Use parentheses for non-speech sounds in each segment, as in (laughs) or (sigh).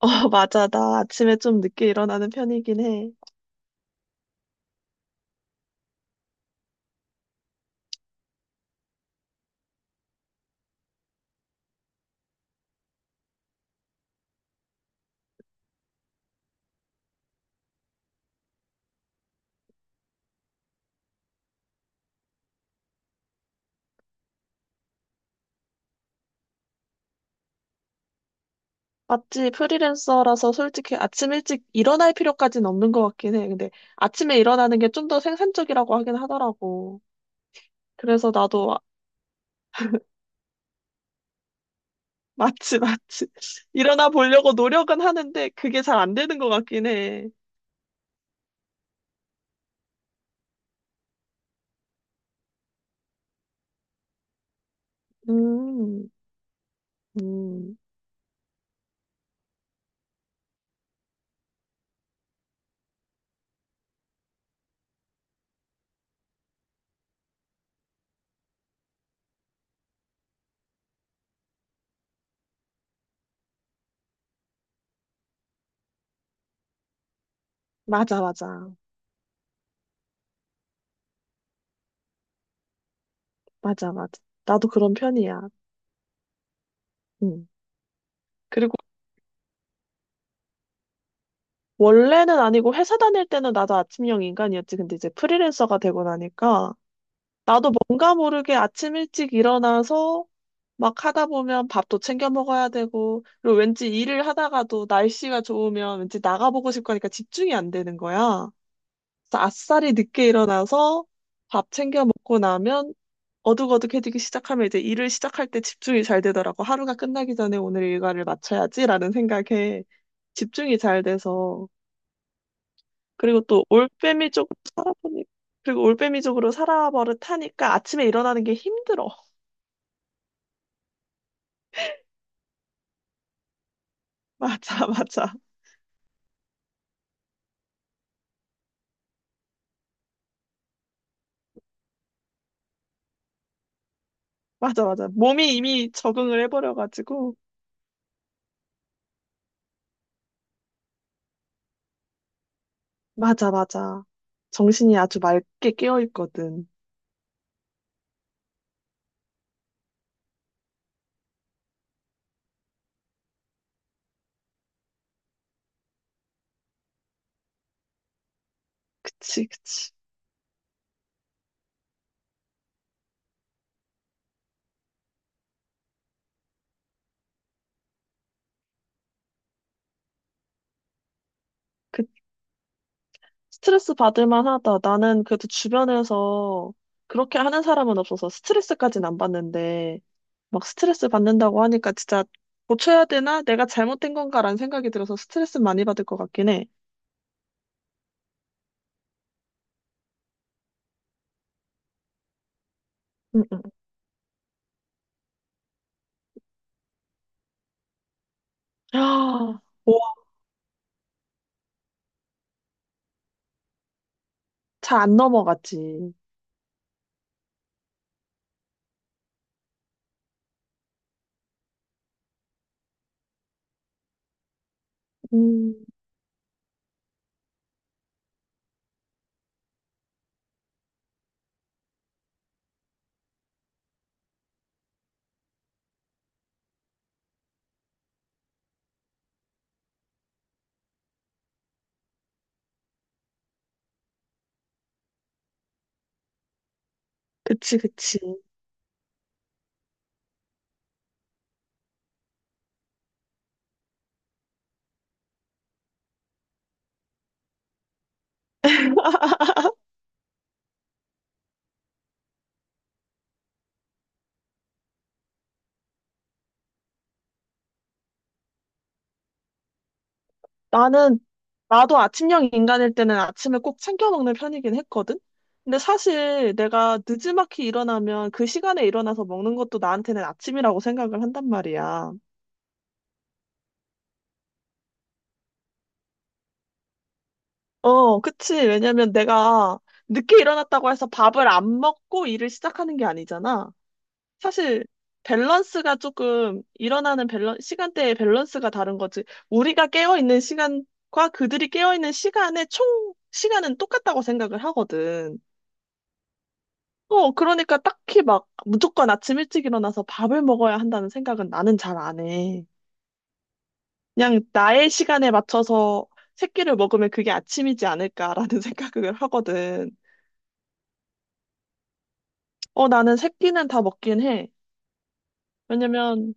어, (laughs) 맞아. 나 아침에 좀 늦게 일어나는 편이긴 해. 맞지? 프리랜서라서 솔직히 아침 일찍 일어날 필요까지는 없는 것 같긴 해. 근데 아침에 일어나는 게 좀 더 생산적이라고 하긴 하더라고. 그래서 나도 아- 맞지, 맞지. (laughs) 일어나 보려고 노력은 하는데 그게 잘 안 되는 것 같긴 해. 음. 음. 맞아, 맞아. 맞아, 맞아. 나도 그런 편이야. 음. 그리고 원래는 아니고 회사 다닐 때는 나도 아침형 인간이었지. 근데 이제 프리랜서가 되고 나니까 나도 뭔가 모르게 아침 일찍 일어나서 막 하다 보면 밥도 챙겨 먹어야 되고, 그리고 왠지 일을 하다가도 날씨가 좋으면 왠지 나가보고 싶고 하니까 집중이 안 되는 거야. 그래서 아싸리 늦게 일어나서 밥 챙겨 먹고 나면 어둑어둑해지기 시작하면 이제 일을 시작할 때 집중이 잘 되더라고. 하루가 끝나기 전에 오늘 일과를 마쳐야지라는 생각에 집중이 잘 돼서. 그리고 또 올빼미족으로 살아보니, 그리고 올빼미족으로 살아버릇하니까 아침에 일어나는 게 힘들어. (laughs) 맞아, 맞아. 맞아, 맞아. 몸이 이미 적응을 해버려가지고. 맞아, 맞아. 정신이 아주 맑게 깨어있거든. 그치, 그치. 그, 스트레스 받을 만하다. 나는 그래도 주변에서 그렇게 하는 사람은 없어서 스트레스까지는 안 받는데, 막 스트레스 받는다고 하니까 진짜 고쳐야 되나? 내가 잘못된 건가라는 생각이 들어서 스트레스 많이 받을 것 같긴 해. 응, 응. 아, (gasps) 와, 잘 안 넘어가지. 음, 그치, 그치. 나는, 나도 아침형 인간일 때는 아침에 꼭 챙겨 먹는 편이긴 했거든? 근데 사실 내가 느지막이 일어나면 그 시간에 일어나서 먹는 것도 나한테는 아침이라고 생각을 한단 말이야. 어, 그치. 왜냐면 내가 늦게 일어났다고 해서 밥을 안 먹고 일을 시작하는 게 아니잖아. 사실 밸런스가 조금 일어나는 밸런 시간대의 밸런스가 다른 거지. 우리가 깨어 있는 시간과 그들이 깨어 있는 시간의 총 시간은 똑같다고 생각을 하거든. 어, 그러니까 딱히 막 무조건 아침 일찍 일어나서 밥을 먹어야 한다는 생각은 나는 잘 안 해. 그냥 나의 시간에 맞춰서 새끼를 먹으면 그게 아침이지 않을까라는 (laughs) 생각을 하거든. 어, 나는 새끼는 다 먹긴 해. 왜냐면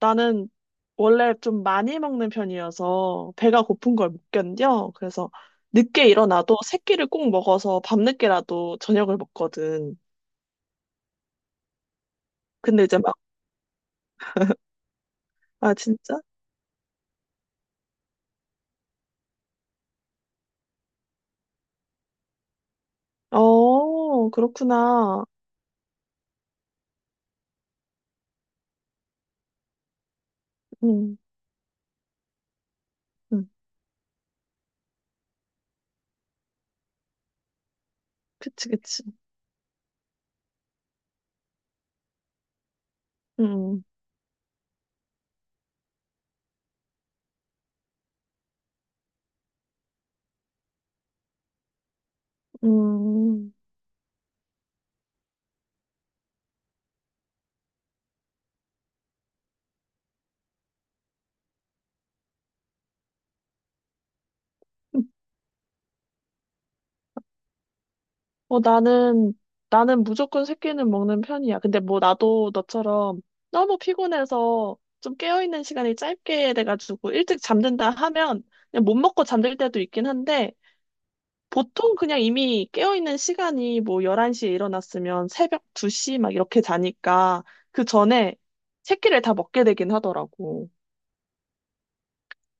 나는 원래 좀 많이 먹는 편이어서 배가 고픈 걸 못 견뎌. 그래서 늦게 일어나도 새끼를 꼭 먹어서 밤늦게라도 저녁을 먹거든. 근데 이제 막, 아, 진짜? 어, 그렇구나. 음. 음. 그치, 그치. 음, 음. 어, 나는 무조건 새끼는 먹는 편이야. 근데 뭐 나도 너처럼 너무 피곤해서 좀 깨어있는 시간이 짧게 돼가지고 일찍 잠든다 하면 그냥 못 먹고 잠들 때도 있긴 한데 보통 그냥 이미 깨어있는 시간이 뭐 11시에 일어났으면 새벽 2시 막 이렇게 자니까 그 전에 새끼를 다 먹게 되긴 하더라고.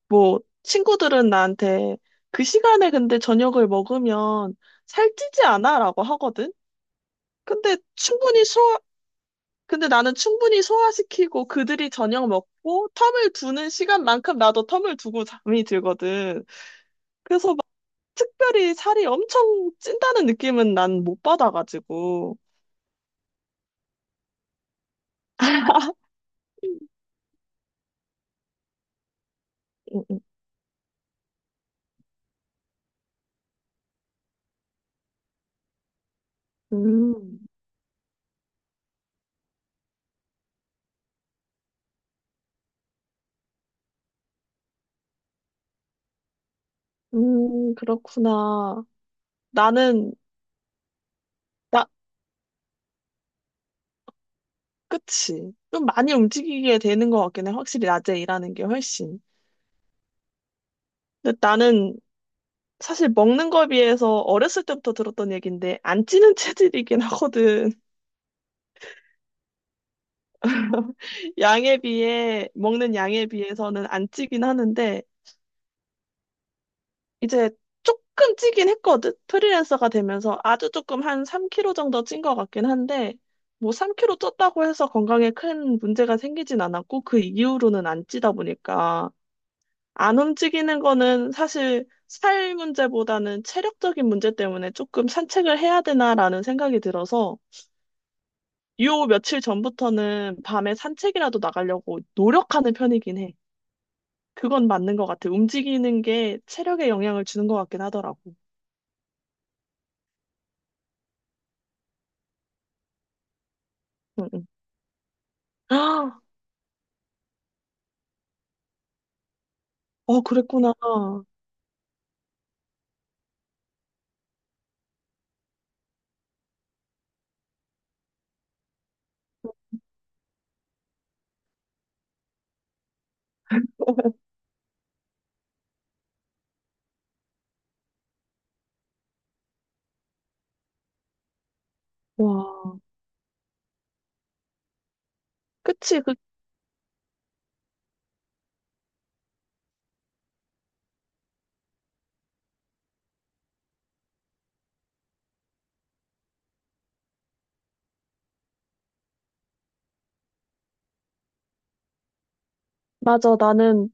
뭐, 친구들은 나한테 그 시간에 근데 저녁을 먹으면 살찌지 않아? 라고 하거든? 근데 충분히 소화, 근데 나는 충분히 소화시키고 그들이 저녁 먹고 텀을 두는 시간만큼 나도 텀을 두고 잠이 들거든. 그래서 막 특별히 살이 엄청 찐다는 느낌은 난 못 받아가지고. 음, 음, 그렇구나. 나는, 나, 그치. 좀 많이 움직이게 되는 것 같긴 해. 확실히 낮에 일하는 게 훨씬. 근데 나는 사실 먹는 거에 비해서 어렸을 때부터 들었던 얘긴데 안 찌는 체질이긴 하거든. (laughs) 양에 비해 먹는 양에 비해서는 안 찌긴 하는데 이제 조금 찌긴 했거든. 프리랜서가 되면서 아주 조금 한 3kg 정도 찐 것 같긴 한데 뭐 3kg 쪘다고 해서 건강에 큰 문제가 생기진 않았고 그 이후로는 안 찌다 보니까 안 움직이는 거는 사실 살 문제보다는 체력적인 문제 때문에 조금 산책을 해야 되나라는 생각이 들어서 요 며칠 전부터는 밤에 산책이라도 나가려고 노력하는 편이긴 해. 그건 맞는 것 같아. 움직이는 게 체력에 영향을 주는 것 같긴 하더라고. 응, 응. (gasps) 아, 어, 그랬구나. (laughs) 와. 그치, 그, 맞아. 나는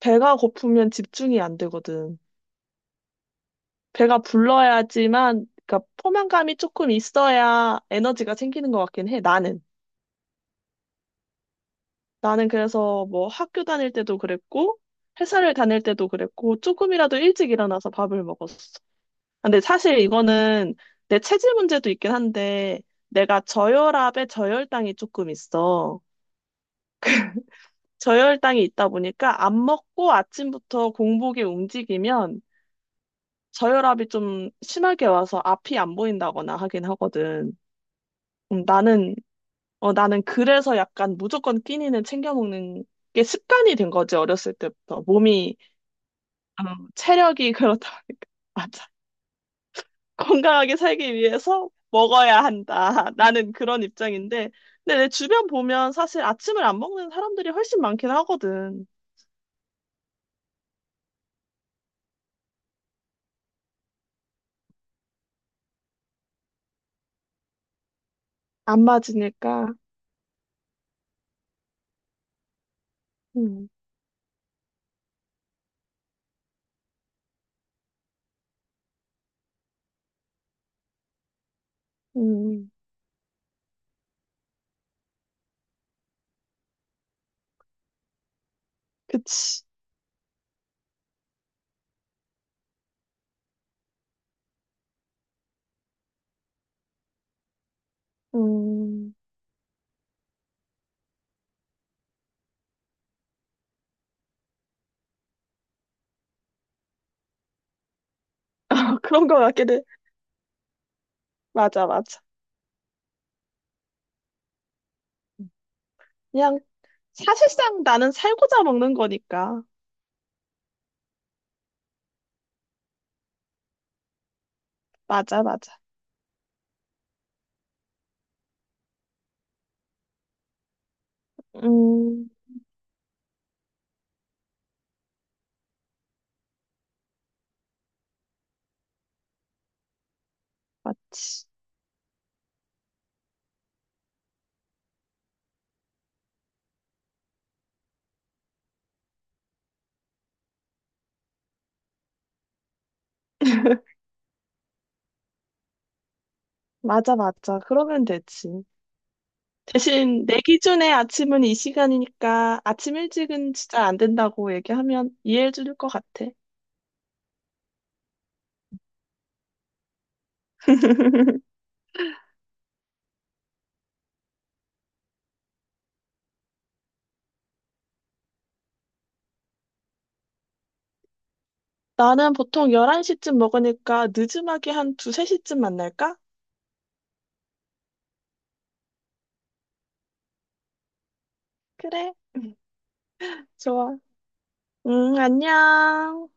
배가 고프면 집중이 안 되거든. 배가 불러야지만, 그러니까 포만감이 조금 있어야 에너지가 생기는 것 같긴 해, 나는. 나는 그래서 뭐 학교 다닐 때도 그랬고, 회사를 다닐 때도 그랬고, 조금이라도 일찍 일어나서 밥을 먹었어. 근데 사실 이거는 내 체질 문제도 있긴 한데 내가 저혈압에 저혈당이 조금 있어. 저혈당이 있다 보니까 안 먹고 아침부터 공복에 움직이면 저혈압이 좀 심하게 와서 앞이 안 보인다거나 하긴 하거든. 나는 나는 그래서 약간 무조건 끼니는 챙겨 먹는 게 습관이 된 거지 어렸을 때부터 몸이 어, 체력이 그렇다 보니까 (laughs) 맞아. 건강하게 살기 위해서 먹어야 한다. 나는 그런 입장인데, 근데 내 주변 보면 사실 아침을 안 먹는 사람들이 훨씬 많긴 하거든. 안 맞으니까. 음, 음, 음. 그치. 음, (laughs) 그런 거 같긴 해. 맞아, 맞아. 그냥 사실상 나는 살고자 먹는 거니까. 맞아, 맞아. 음, 맞지. 맞아, 맞아. 그러면 되지. 대신 내 기준에 아침은 이 시간이니까 아침 일찍은 진짜 안 된다고 얘기하면 이해해 줄 것 같아. 나는 보통 11시쯤 먹으니까 늦음하게 한 2, 3시쯤 만날까? 그래. (laughs) 좋아. 응, 안녕.